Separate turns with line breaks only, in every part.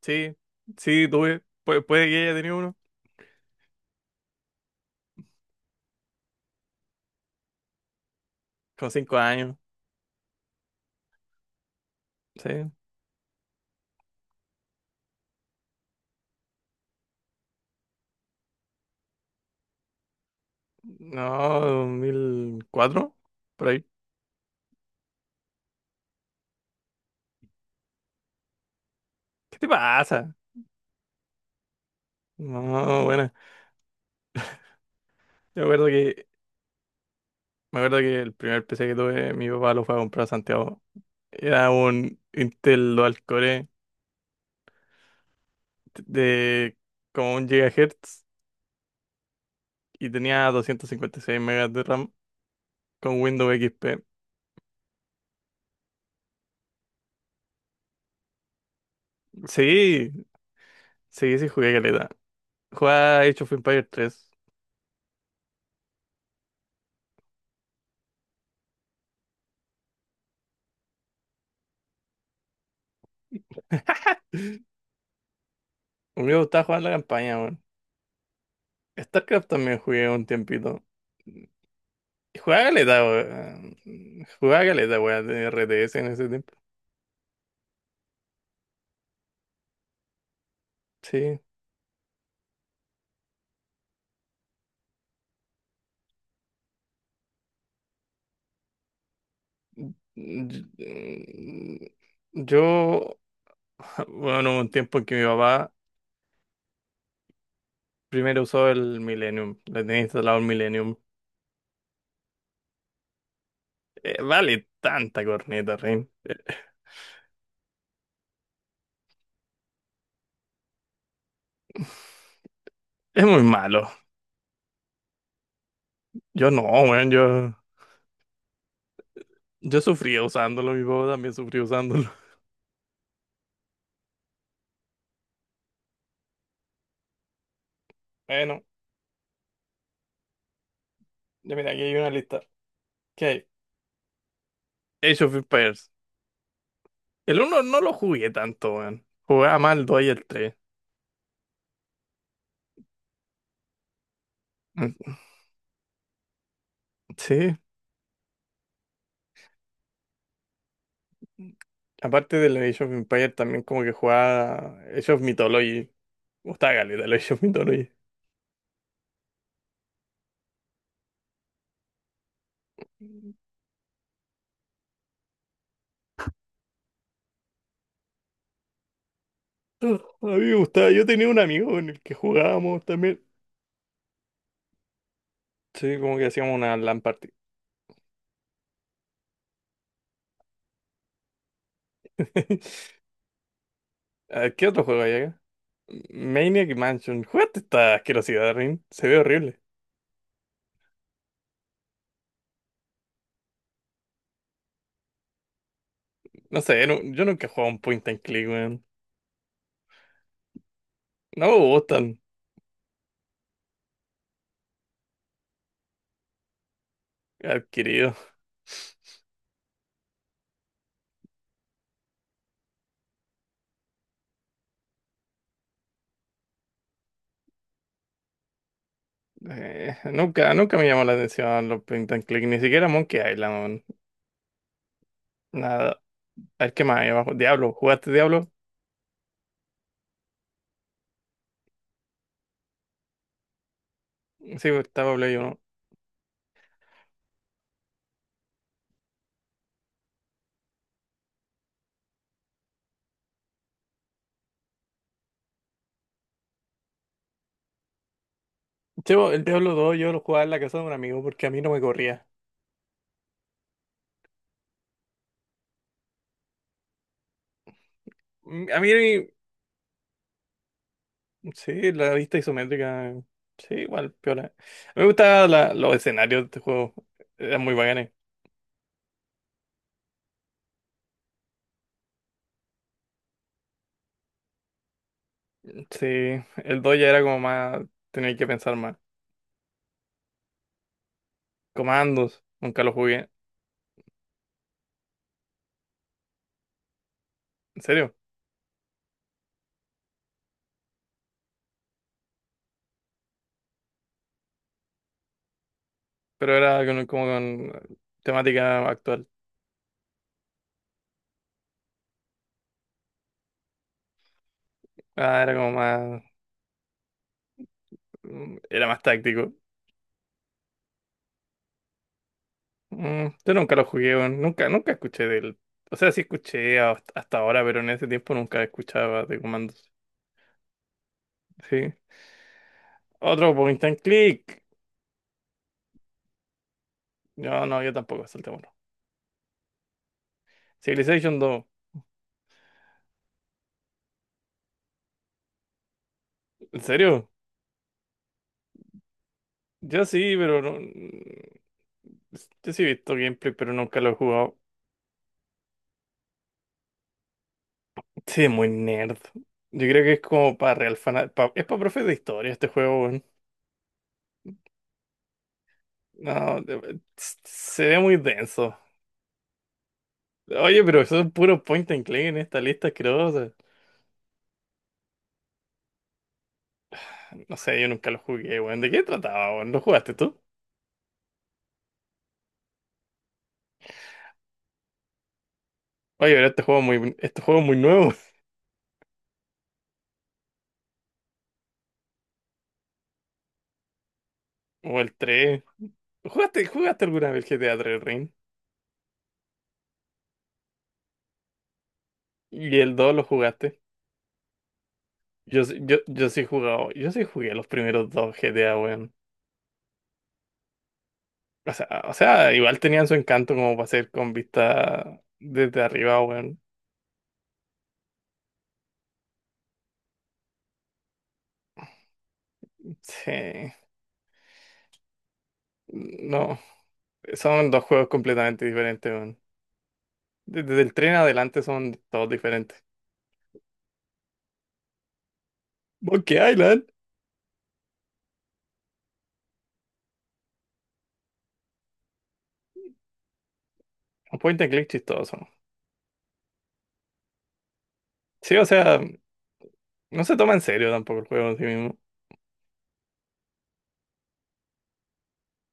Sí, sí, tuve. Puede que haya tenido uno. Con 5 años. Sí. No, 2004, por ahí. ¿Qué te pasa? No, bueno. Yo me acuerdo que el primer PC que tuve, mi papá lo fue a comprar a Santiago. Era un Intel Dual Core de como 1 GHz y tenía 256 megas de RAM con Windows XP. Sí, sí, sí jugué caleta. Jugaba Age of Empires 3. A mí me gustaba jugar la campaña. StarCraft también jugué un tiempito. Jugaba galeta, weón. Jugaba galeta, weón, de RTS en ese tiempo. Sí. Y- Yo, bueno, hubo un tiempo en que mi papá primero usó el Millennium. Le tenía instalado el Millennium. Vale tanta corneta, Ren. Es muy malo. Yo no, weón, yo sufría usándolo. Mi papá también sufrió usándolo. Bueno, ya mira, aquí hay una lista. ¿Qué hay? Age of Empires. El uno no lo jugué tanto, weón. Jugaba más el 2 y el 3. Sí. Aparte del Age of Empires, también como que jugaba Age of Mythology. Me gustaba caleta el Age of Mythology. Ah, a mí me gustaba. Yo tenía un amigo con el que jugábamos también. Sí, como que hacíamos una LAN party. A ver, ¿qué otro juego hay acá? Maniac Mansion. ¿Jugaste esta asquerosidad, Rin? Se ve horrible. No sé, yo nunca he jugado un point and click, weón. No me gustan. Adquirido. Nunca, nunca me llamó la atención los Point and Click, ni siquiera Monkey Island, weón. Nada. A ver qué más hay abajo. Diablo, ¿jugaste Diablo? Sí, pues, estaba Play 1. Chevo, el Diablo 2 yo lo jugaba en la casa de un amigo porque a mí no me corría. Mm, a mí, sí, la vista isométrica, sí, igual, piola. A mí me gustaban los escenarios de este juego, eran muy bacanes. Sí, el 2 ya era como más, tenía que pensar más. Comandos, nunca lo jugué, en serio, pero era como con temática actual. Ah, era como más. Mm, era más táctico. Mm, yo nunca lo jugué, weón. Nunca, nunca escuché del. O sea, sí escuché hasta ahora, pero en ese tiempo nunca escuchaba de comandos. Sí. Otro point and click. No, no, yo tampoco, saltémoslo. Civilization dos. ¿En serio? Yo sí, pero no. Mm, yo sí he visto gameplay, pero nunca lo he jugado. Sí, muy nerd. Yo creo que es como para real fan. Es para profes de historia este juego, weón. No, se ve muy denso. Oye, pero son puros point and click en esta lista asquerosa. No sé, yo nunca lo jugué, weón. ¿De qué trataba, weón? ¿Lo jugaste tú? Oye, pero este juego es muy nuevo. O el 3. ¿Jugaste alguna vez GTA 3 Ring? ¿Y el 2 lo jugaste? Yo, yo sí he jugado, yo sí jugué los primeros dos GTA, weón. O sea, igual tenían su encanto como para ser con vista desde arriba, weón. Sí. No, son dos juegos completamente diferentes, weón. Desde el tren adelante son todos diferentes. Monkey Island. Un point and click chistoso. Sí, o sea, no se toma en serio tampoco el juego en sí mismo.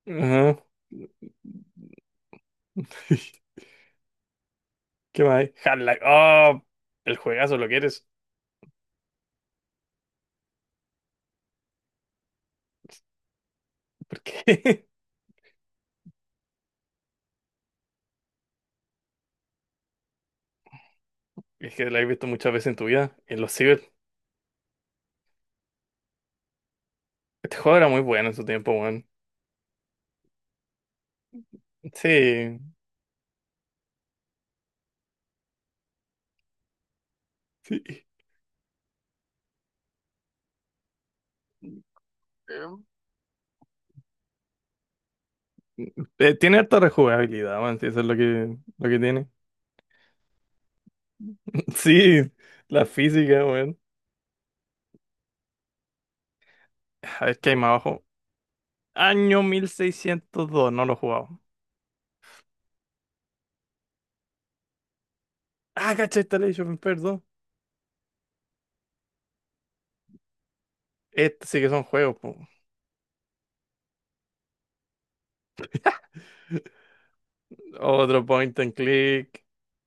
Ajá. ¿Qué más hay? Half-Life. Oh, el juegazo lo quieres. ¿Por qué? Es que lo has visto muchas veces en tu vida. En los ciber. Este juego era muy bueno en su tiempo, weón. Sí, sí. Em, tiene harta rejugabilidad, weón. Sí, eso es lo que tiene. Sí, la física, weón. A ver qué hay más abajo. Año 1602, no lo he jugado. Ah, cacha, Installation, perdón. Estos sí que son juegos, po. Otro point and click.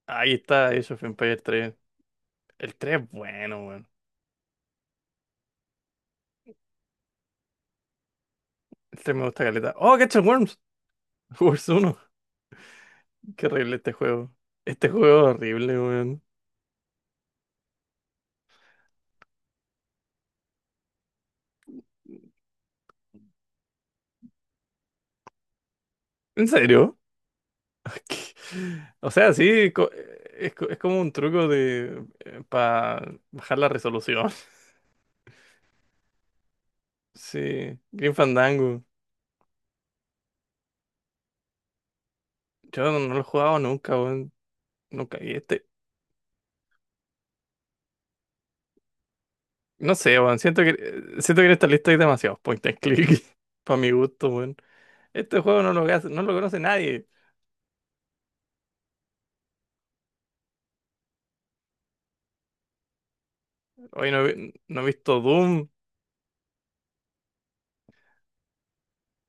Ahí está, Age of Empires 3. El 3 es bueno, weón. El 3 me gusta caleta. ¡Oh, cacha el Worms! Worms uno, qué horrible este juego. Este juego es horrible, weón. ¿En serio? ¿Qué? O sea, sí, es, es como un truco de para bajar la resolución. Sí, Green Fandango. Yo no, no lo he jugado nunca, weón. Nunca. Y este, no sé, weón. Siento que en esta lista hay demasiados point and click. Para mi gusto, weón. Este juego no lo, no lo conoce nadie. Hoy no, no he visto Doom,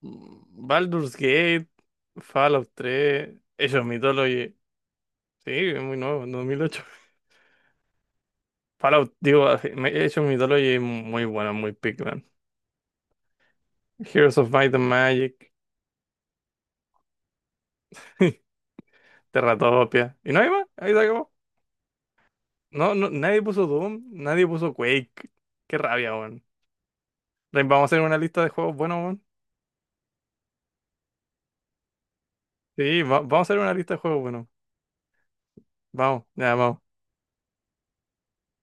Baldur's Gate, Fallout 3, Age of Mythology. Sí, es muy nuevo, en 2008. Fallout, digo, Age of Mythology es muy bueno, muy pick, man. Heroes of Might and Magic, Terratopia. ¿Y no hay más? Ahí se acabó. No, no, nadie puso Doom, nadie puso Quake. Qué rabia, weón. Vamos a hacer una lista de juegos buenos, sí, vamos a hacer una lista de juegos, bueno. Vamos, ya, vamos.